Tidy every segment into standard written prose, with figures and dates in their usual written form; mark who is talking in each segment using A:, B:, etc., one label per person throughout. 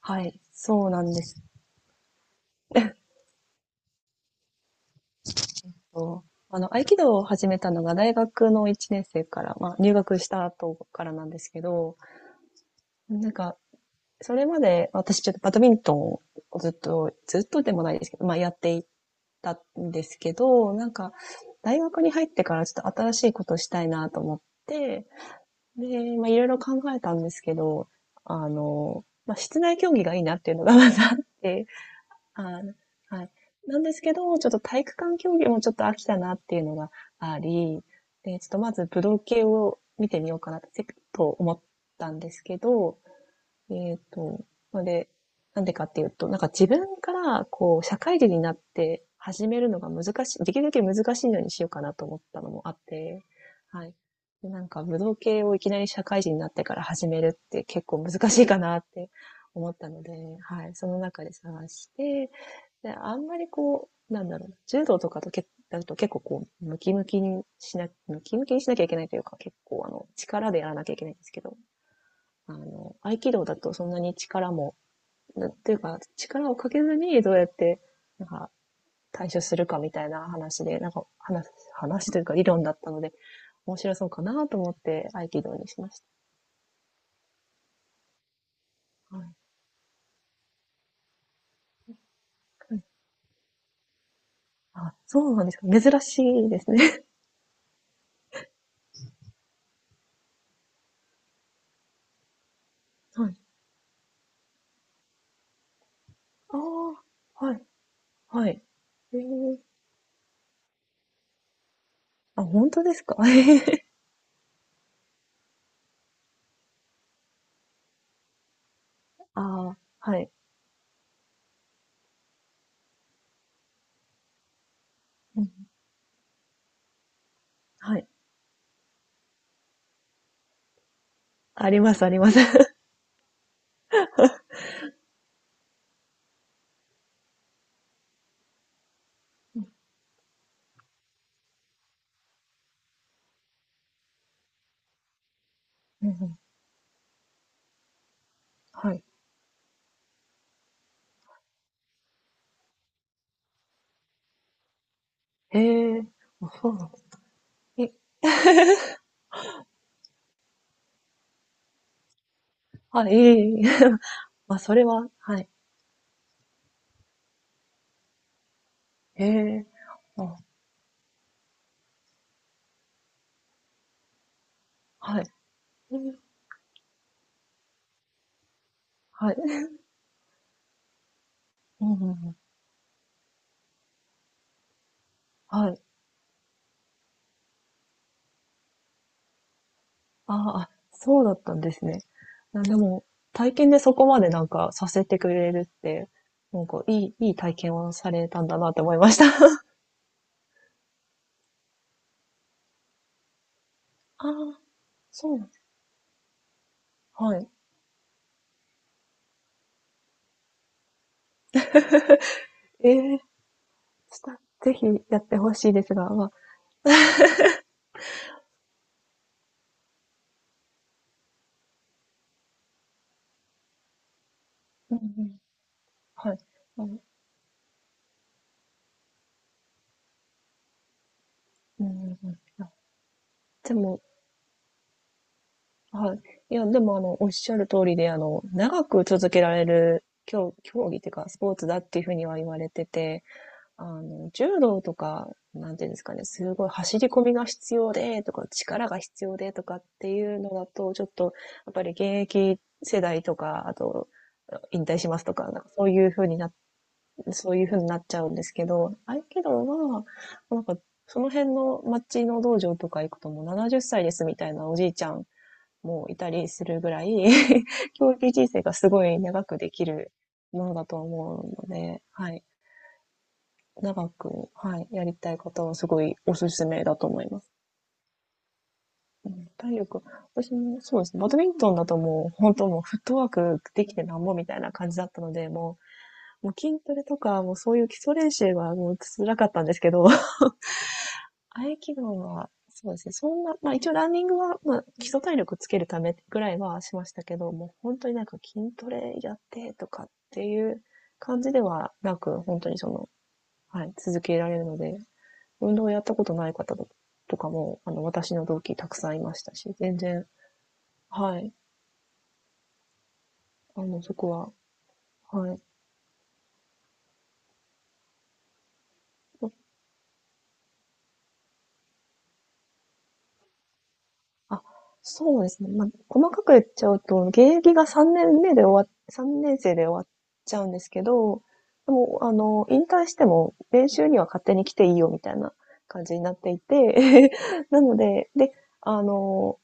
A: はい、そうなんですよ。あの、合気道を始めたのが大学の1年生から、まあ、入学した後からなんですけど、なんか、それまで私ちょっとバドミントンをずっと、ずっとでもないですけど、まあ、やっていたんですけど、なんか、大学に入ってからちょっと新しいことをしたいなと思って、で、まあ、いろいろ考えたんですけど、あの、まあ、室内競技がいいなっていうのがまずあって、あー、はい。なんですけど、ちょっと体育館競技もちょっと飽きたなっていうのがあり、で、ちょっとまず武道系を見てみようかなと思ったんですけど、えっと、ので、なんでかっていうと、なんか自分からこう、社会人になって始めるのが難しい、できるだけ難しいのにしようかなと思ったのもあって、はい。で、なんか武道系をいきなり社会人になってから始めるって結構難しいかなって思ったので、はい。その中で探して、で、あんまりこう、なんだろうな、柔道とかとけだと結構こう、ムキムキにしなきゃいけないというか、結構あの、力でやらなきゃいけないんですけど、あの、合気道だとそんなに力も、というか、力をかけずにどうやって、なんか、対処するかみたいな話で、なんか、話というか理論だったので、面白そうかなと思って合気道にしました。はい。はい。あ、そうなんですか。珍しいですね。はい。ああ、はい、はい。えー、あ、本当ですか。ああ、はい。うん。はい。あります、あります。うんうん。はい。へえ、そうなんです。え、はい、ええええ。ま、それははい。へえ、あ、はい。うん、はい。うんうんうん。はい。ああ、あ、そうだったんですね。でも、体験でそこまでなんかさせてくれるって、なんかいい体験をされたんだなって思いました。ああ、そうなんです。はい。ええ、ぜひやって欲しいですが、ま、うんうん。はい。あの、うんうんうん。あ、でも、はい。いや、でも、あの、おっしゃる通りで、あの、長く続けられる競技っていうか、スポーツだっていうふうには言われてて、あの、柔道とか、なんていうんですかね、すごい走り込みが必要で、とか、力が必要で、とかっていうのだと、ちょっと、やっぱり現役世代とか、あと、引退しますとか、なんかそういうふうにな、そういうふうになっちゃうんですけど、合気道は、なんか、その辺の町の道場とか行くともう70歳ですみたいなおじいちゃんもいたりするぐらい 教育人生がすごい長くできるものだと思うので、はい。長く、はい、やりたい方はすごいおすすめだと思います。うん、体力、私もそうですね。バドミントンだともう、本当もうフットワークできてなんぼみたいな感じだったので、もう筋トレとか、もうそういう基礎練習はもう辛かったんですけど、合気道は、そうですね。そんな、まあ一応ランニングは、まあ基礎体力つけるためぐらいはしましたけど、もう本当になんか筋トレやってとかっていう感じではなく、本当にその、はい、続けられるので、運動をやったことない方とかも、あの、私の同期たくさんいましたし、全然、はい、あの、そこは、はい、あ、そうですね。まあ、細かく言っちゃうと、現役が3年目で、3年生で終わっちゃうんですけど、でも、あの、引退しても練習には勝手に来ていいよみたいな感じになっていて、なので、で、あの、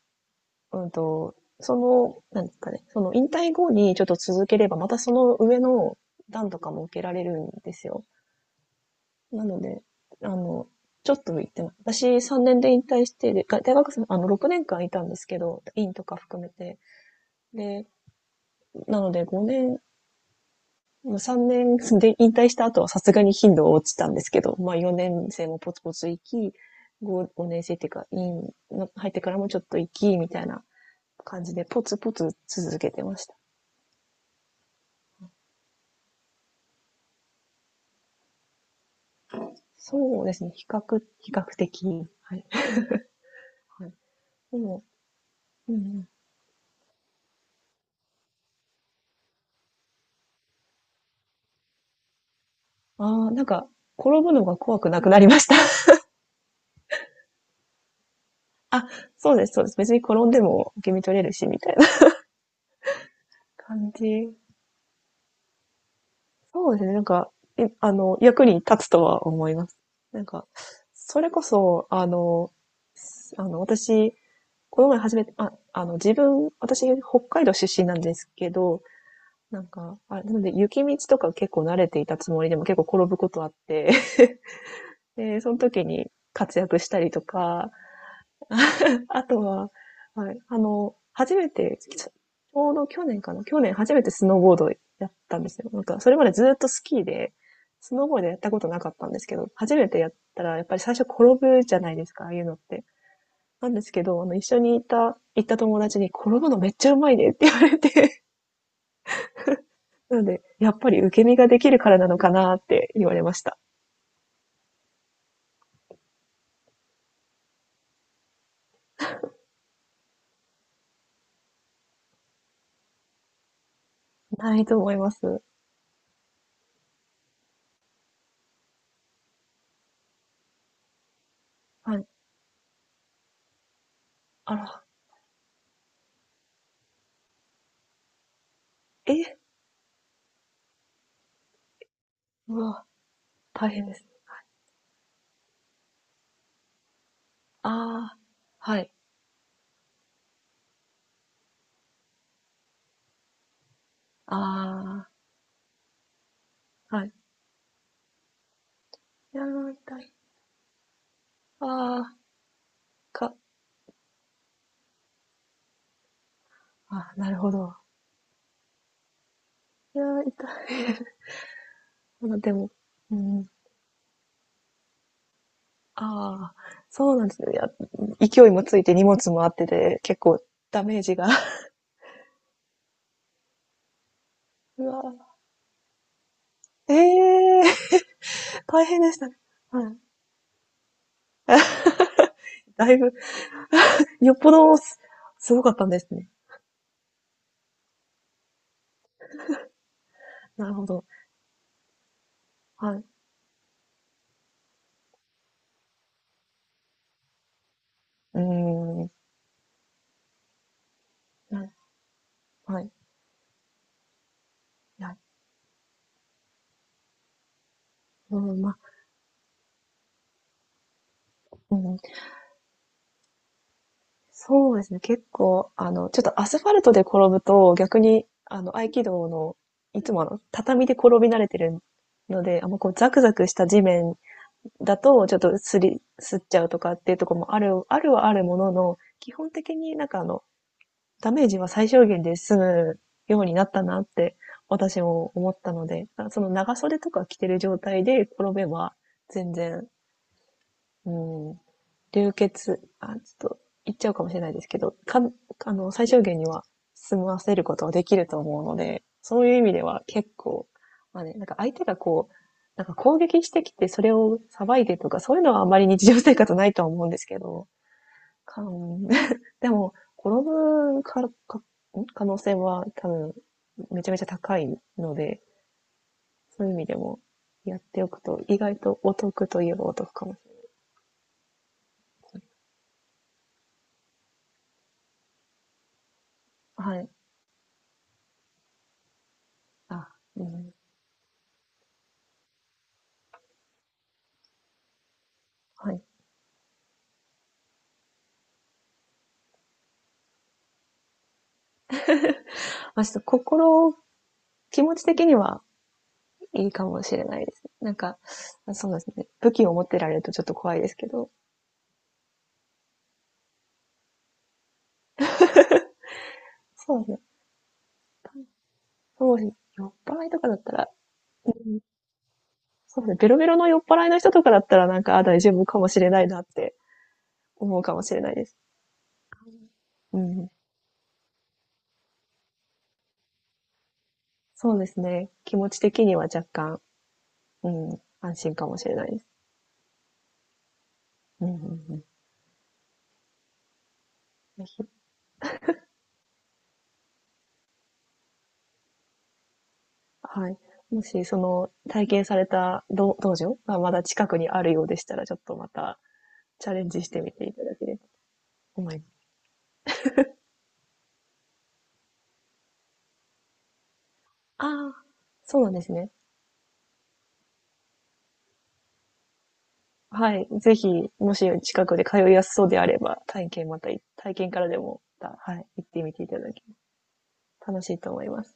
A: うんと、その、なんですかね、その引退後にちょっと続ければ、またその上の段とかも受けられるんですよ。なので、あの、ちょっと行ってます。私3年で引退して、でが大学生、あの、6年間いたんですけど、院とか含めて。で、なので5年、3年で引退した後はさすがに頻度は落ちたんですけど、まあ4年生もポツポツ行き、5年生っていうか、院の入ってからもちょっと行き、みたいな感じで、ポツポツ続けてました。そうですね、比較的。はい。はい、でも、うんうん、ああ、なんか、転ぶのが怖くなくなりました。あ、そうですそうです。別に転んでも受け身取れるし、みたいな 感じ。そうですね。なんか、あの、役に立つとは思います。なんか、それこそ、あの、あの、私、この前初めて、あ、あの、自分、私、北海道出身なんですけど、なんか、あ、なので、雪道とか結構慣れていたつもりでも結構転ぶことあって、で、その時に活躍したりとか、あとは、はい、あの、初めて、ちょうど去年かな、去年初めてスノーボードやったんですよ。なんか、それまでずっとスキーで、スノーボードやったことなかったんですけど、初めてやったら、やっぱり最初転ぶじゃないですか、ああいうのって。なんですけど、あの、一緒にいた、行った友達に、転ぶのめっちゃうまいねって言われて、なので、やっぱり受け身ができるからなのかなって言われました。ないと思います。はい。あら、え、うわ、大変です。あー、はい。ああ、はい。ピア痛い。あー、か、あ、なるほど。いや、痛い。まあでも、うん、ああ、そうなんですね。いや、勢いもついて荷物もあってで、結構ダメージが。うわー、ええー、大変でしたね。はい。だいぶ、よっぽどすごかったんですね。なるほど。はい。うーん。はい。はい。いや、うん、まあ、うん、そうですね、結構、あの、ちょっとアスファルトで転ぶと、逆に、あの、合気道の、いつもあの、畳で転び慣れてるので、あんまこう、ザクザクした地面だと、ちょっとすっちゃうとかっていうところもある、あるはあるものの、基本的になんかあの、ダメージは最小限で済むようになったなって、私も思ったので、その長袖とか着てる状態で転べば、全然、うん、流血、あ、ちょっと言っちゃうかもしれないですけど、あの、最小限には済ませることはできると思うので、そういう意味では結構、まあね、なんか相手がこう、なんか攻撃してきてそれをさばいてとか、そういうのはあんまり日常生活ないとは思うんですけど、かん でも、転ぶ可能性は多分、めちゃめちゃ高いので、そういう意味でもやっておくと、意外とお得といえばお得かもしれない。はい。あ、うん。はい。まあ、ちょっと心、気持ち的にはいいかもしれないですね。なんか、そうですね。武器を持ってられるとちょっと怖いですけど、そうですね。そうですね。酔っ払いとかだったら、うん、そうですね。ベロベロの酔っ払いの人とかだったら、なんか、あ、大丈夫かもしれないなって思うかもしれないです。うん。そうですね。気持ち的には若干、うん、安心かもしれないです。うんうんうん。ぜひ、はい。もし、その、体験された道場がまだ近くにあるようでしたら、ちょっとまたチャレンジしてみていただければ。思います。ああ、そうなんですね。はい。ぜひ、もし近くで通いやすそうであれば、体験また体験からでもまた、はい、行ってみていただければ楽しいと思います。